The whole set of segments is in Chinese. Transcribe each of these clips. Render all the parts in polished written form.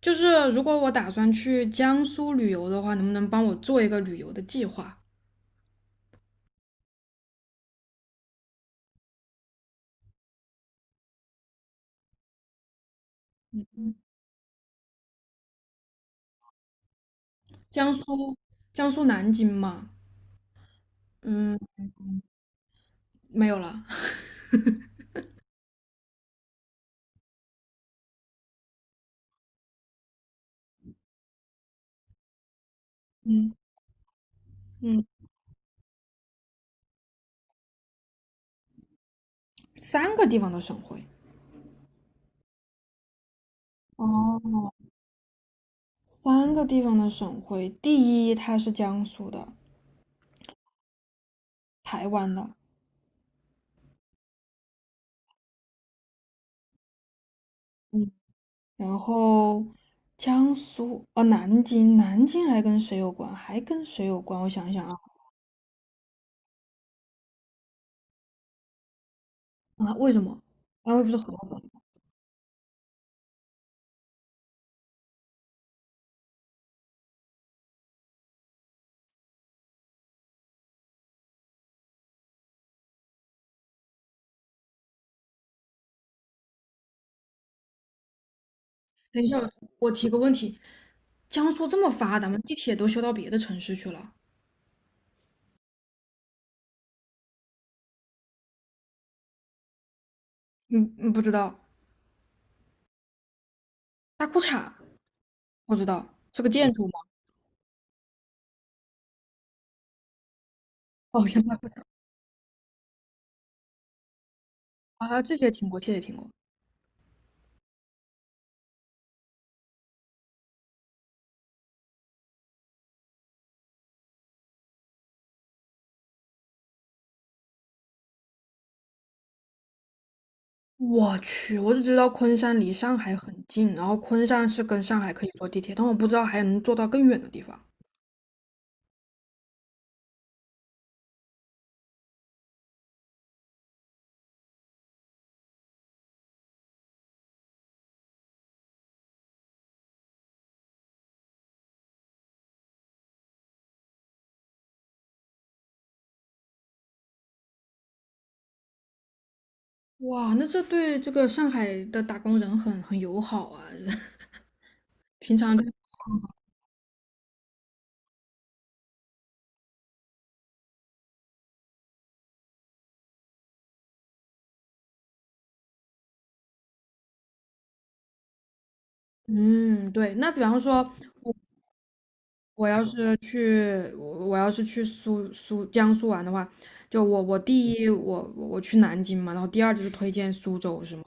就是如果我打算去江苏旅游的话，能不能帮我做一个旅游的计划？江苏，江苏南京嘛，嗯，没有了，嗯嗯，三个地方的省会。哦，三个地方的省会，第一它是江苏的，台湾的，嗯，然后江苏，哦，南京，南京还跟谁有关？还跟谁有关？我想一想啊，啊，为什么？啊，又不是河北。等一下，我提个问题，江苏这么发达吗？地铁都修到别的城市去了。嗯嗯，不知道。大裤衩，不知道，是个建筑吗？哦，好像大裤衩啊，这些听过，这些听过。我去，我只知道昆山离上海很近，然后昆山是跟上海可以坐地铁，但我不知道还能坐到更远的地方。哇，那这对这个上海的打工人很友好啊！平常跟嗯，对。那比方说，我要是去江苏玩的话，就我第一我去南京嘛，然后第二就是推荐苏州，是吗？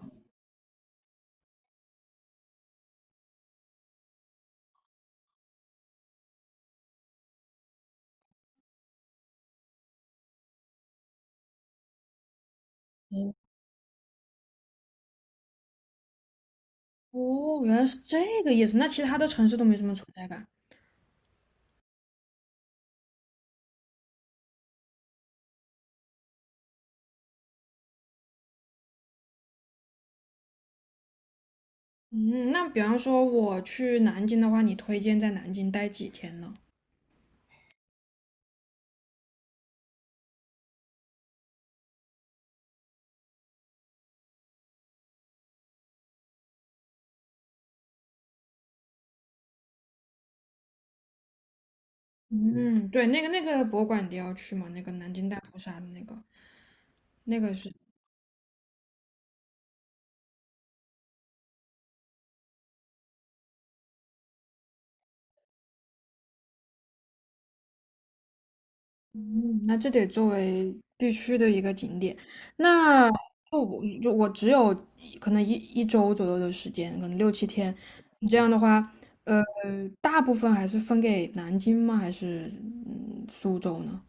哦，原来是这个意思。那其他的城市都没什么存在感。嗯，那比方说我去南京的话，你推荐在南京待几天呢？嗯，对，那个博物馆你都要去嘛，那个南京大屠杀的那个，那个是。嗯，那这得作为必须的一个景点。那就我只有可能一周左右的时间，可能6、7天。你这样的话，呃，大部分还是分给南京吗？还是苏州呢？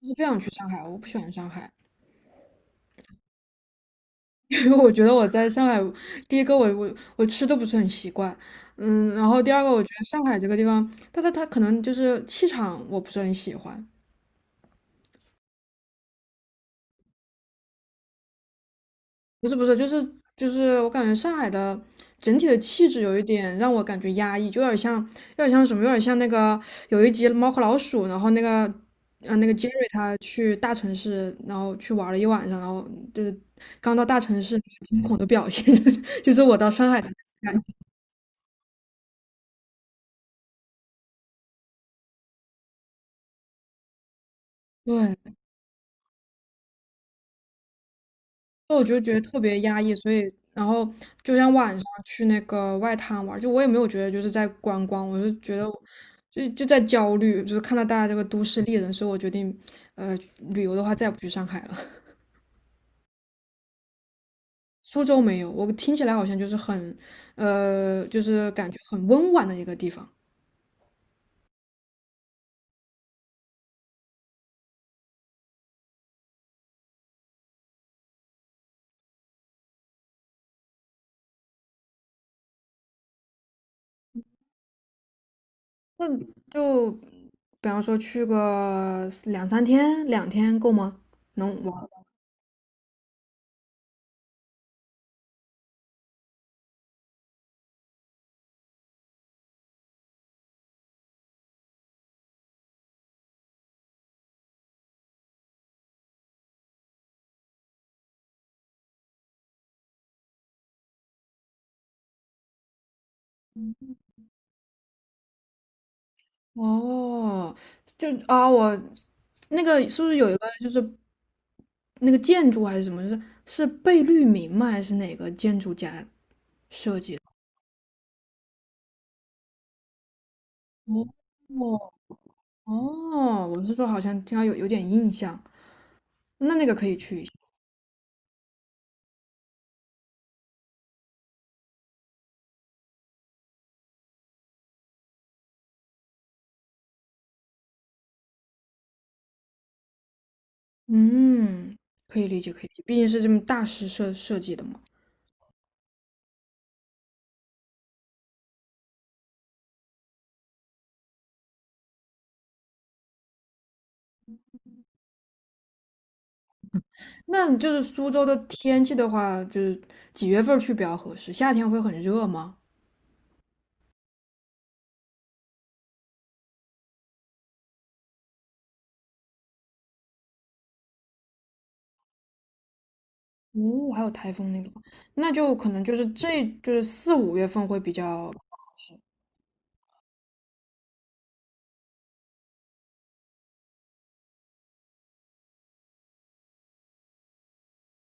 我不想去上海，我不喜欢上海，因为我觉得我在上海，第一个我吃都不是很习惯，嗯，然后第二个我觉得上海这个地方，但它可能就是气场我不是很喜欢，不是不是，就是我感觉上海的整体的气质有一点让我感觉压抑，就有点像什么，有点像有一集《猫和老鼠》，然后杰瑞他去大城市，然后去玩了一晚上，然后就是刚到大城市惊恐的表现，就是我到上海的感觉。对，那我就觉得特别压抑，所以然后就像晚上去那个外滩玩儿就我也没有觉得就是在观光，我就觉得就在焦虑，就是看到大家这个都市丽人，所以我决定，呃，旅游的话再也不去上海了。苏州没有，我听起来好像就是很，就是感觉很温婉的一个地方。那就比方说去个2、3天，2天够吗？能玩？哦，就啊，我那个是不是有一个就是那个建筑还是什么，是贝聿铭吗？还是哪个建筑家设计的？哦哦哦，我是说好像听到有点印象，那个可以去一下。嗯，可以理解，可以理解，毕竟是这么大师设计的嘛。那就是苏州的天气的话，就是几月份儿去比较合适？夏天会很热吗？哦，还有台风那个，那就可能就是这就是4、5月份会比较合适。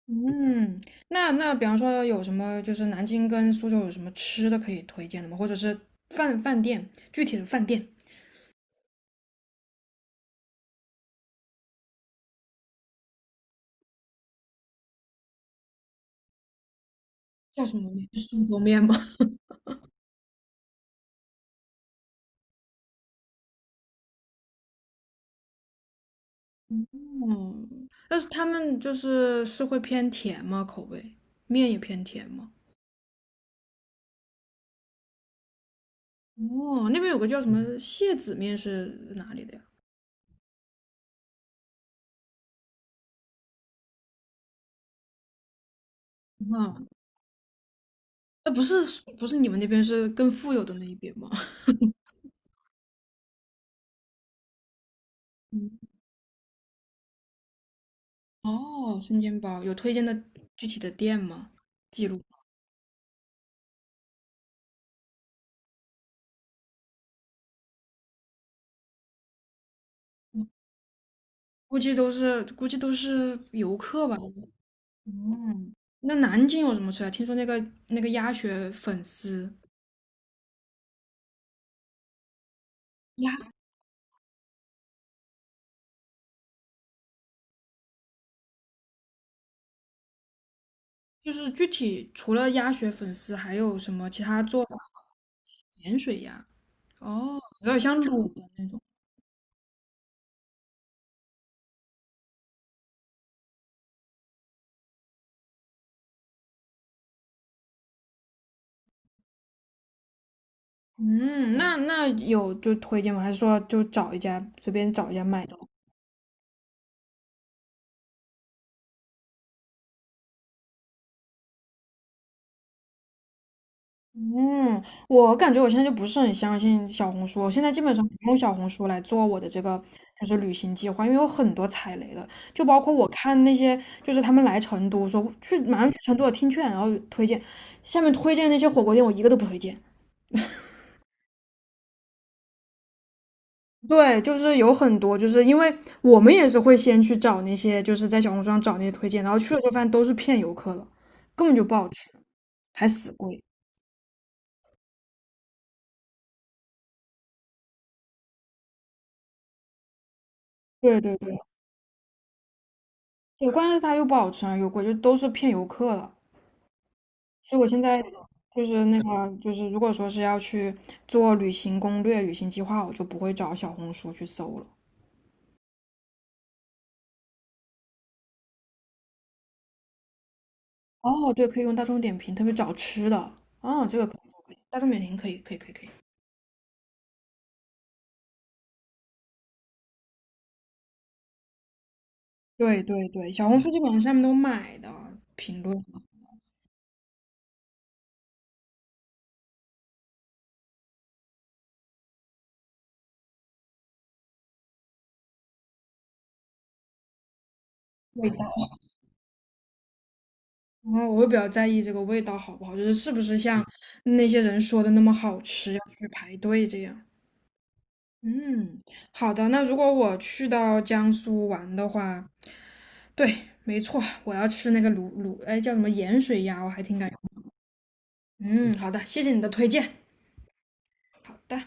嗯，那比方说有什么，就是南京跟苏州有什么吃的可以推荐的吗？或者是饭店，具体的饭店叫什么面？是苏州面吗？嗯，但是他们就是会偏甜吗？口味，面也偏甜吗？哦，那边有个叫什么蟹籽面是哪里的呀？啊，那不是你们那边是更富有的那一边吗？嗯哦，生煎包有推荐的具体的店吗？记录。估计都是游客吧。嗯，那南京有什么吃啊？听说那个鸭血粉丝，鸭就是具体除了鸭血粉丝，还有什么其他做法？盐水鸭。哦，有点像卤的那种。嗯，那有就推荐吗？还是说就找一家随便找一家买的？嗯，我感觉我现在就不是很相信小红书，我现在基本上不用小红书来做我的这个就是旅行计划，因为有很多踩雷的，就包括我看那些就是他们来成都说去马上去成都的听劝，然后推荐下面推荐那些火锅店，我一个都不推荐。对，就是有很多，就是因为我们也是会先去找那些，就是在小红书上找那些推荐，然后去了之后发现都是骗游客的，根本就不好吃，还死贵。对对对，对，关键是它又不好吃啊，又贵，就都是骗游客的。所以我现在就是那个，就是如果说是要去做旅行攻略、旅行计划，我就不会找小红书去搜了。哦，对，可以用大众点评，特别找吃的。哦，这个可以，这个可以，大众点评可以，可以，可以，可以。对对对，小红书基本上上面都买的评论嘛，对，然后我会比较在意这个味道好不好，就是是不是像那些人说的那么好吃，要去排队这样。嗯，好的。那如果我去到江苏玩的话，对，没错，我要吃那个卤，哎，叫什么盐水鸭，我还挺感兴趣。嗯，好的，谢谢你的推荐。好的。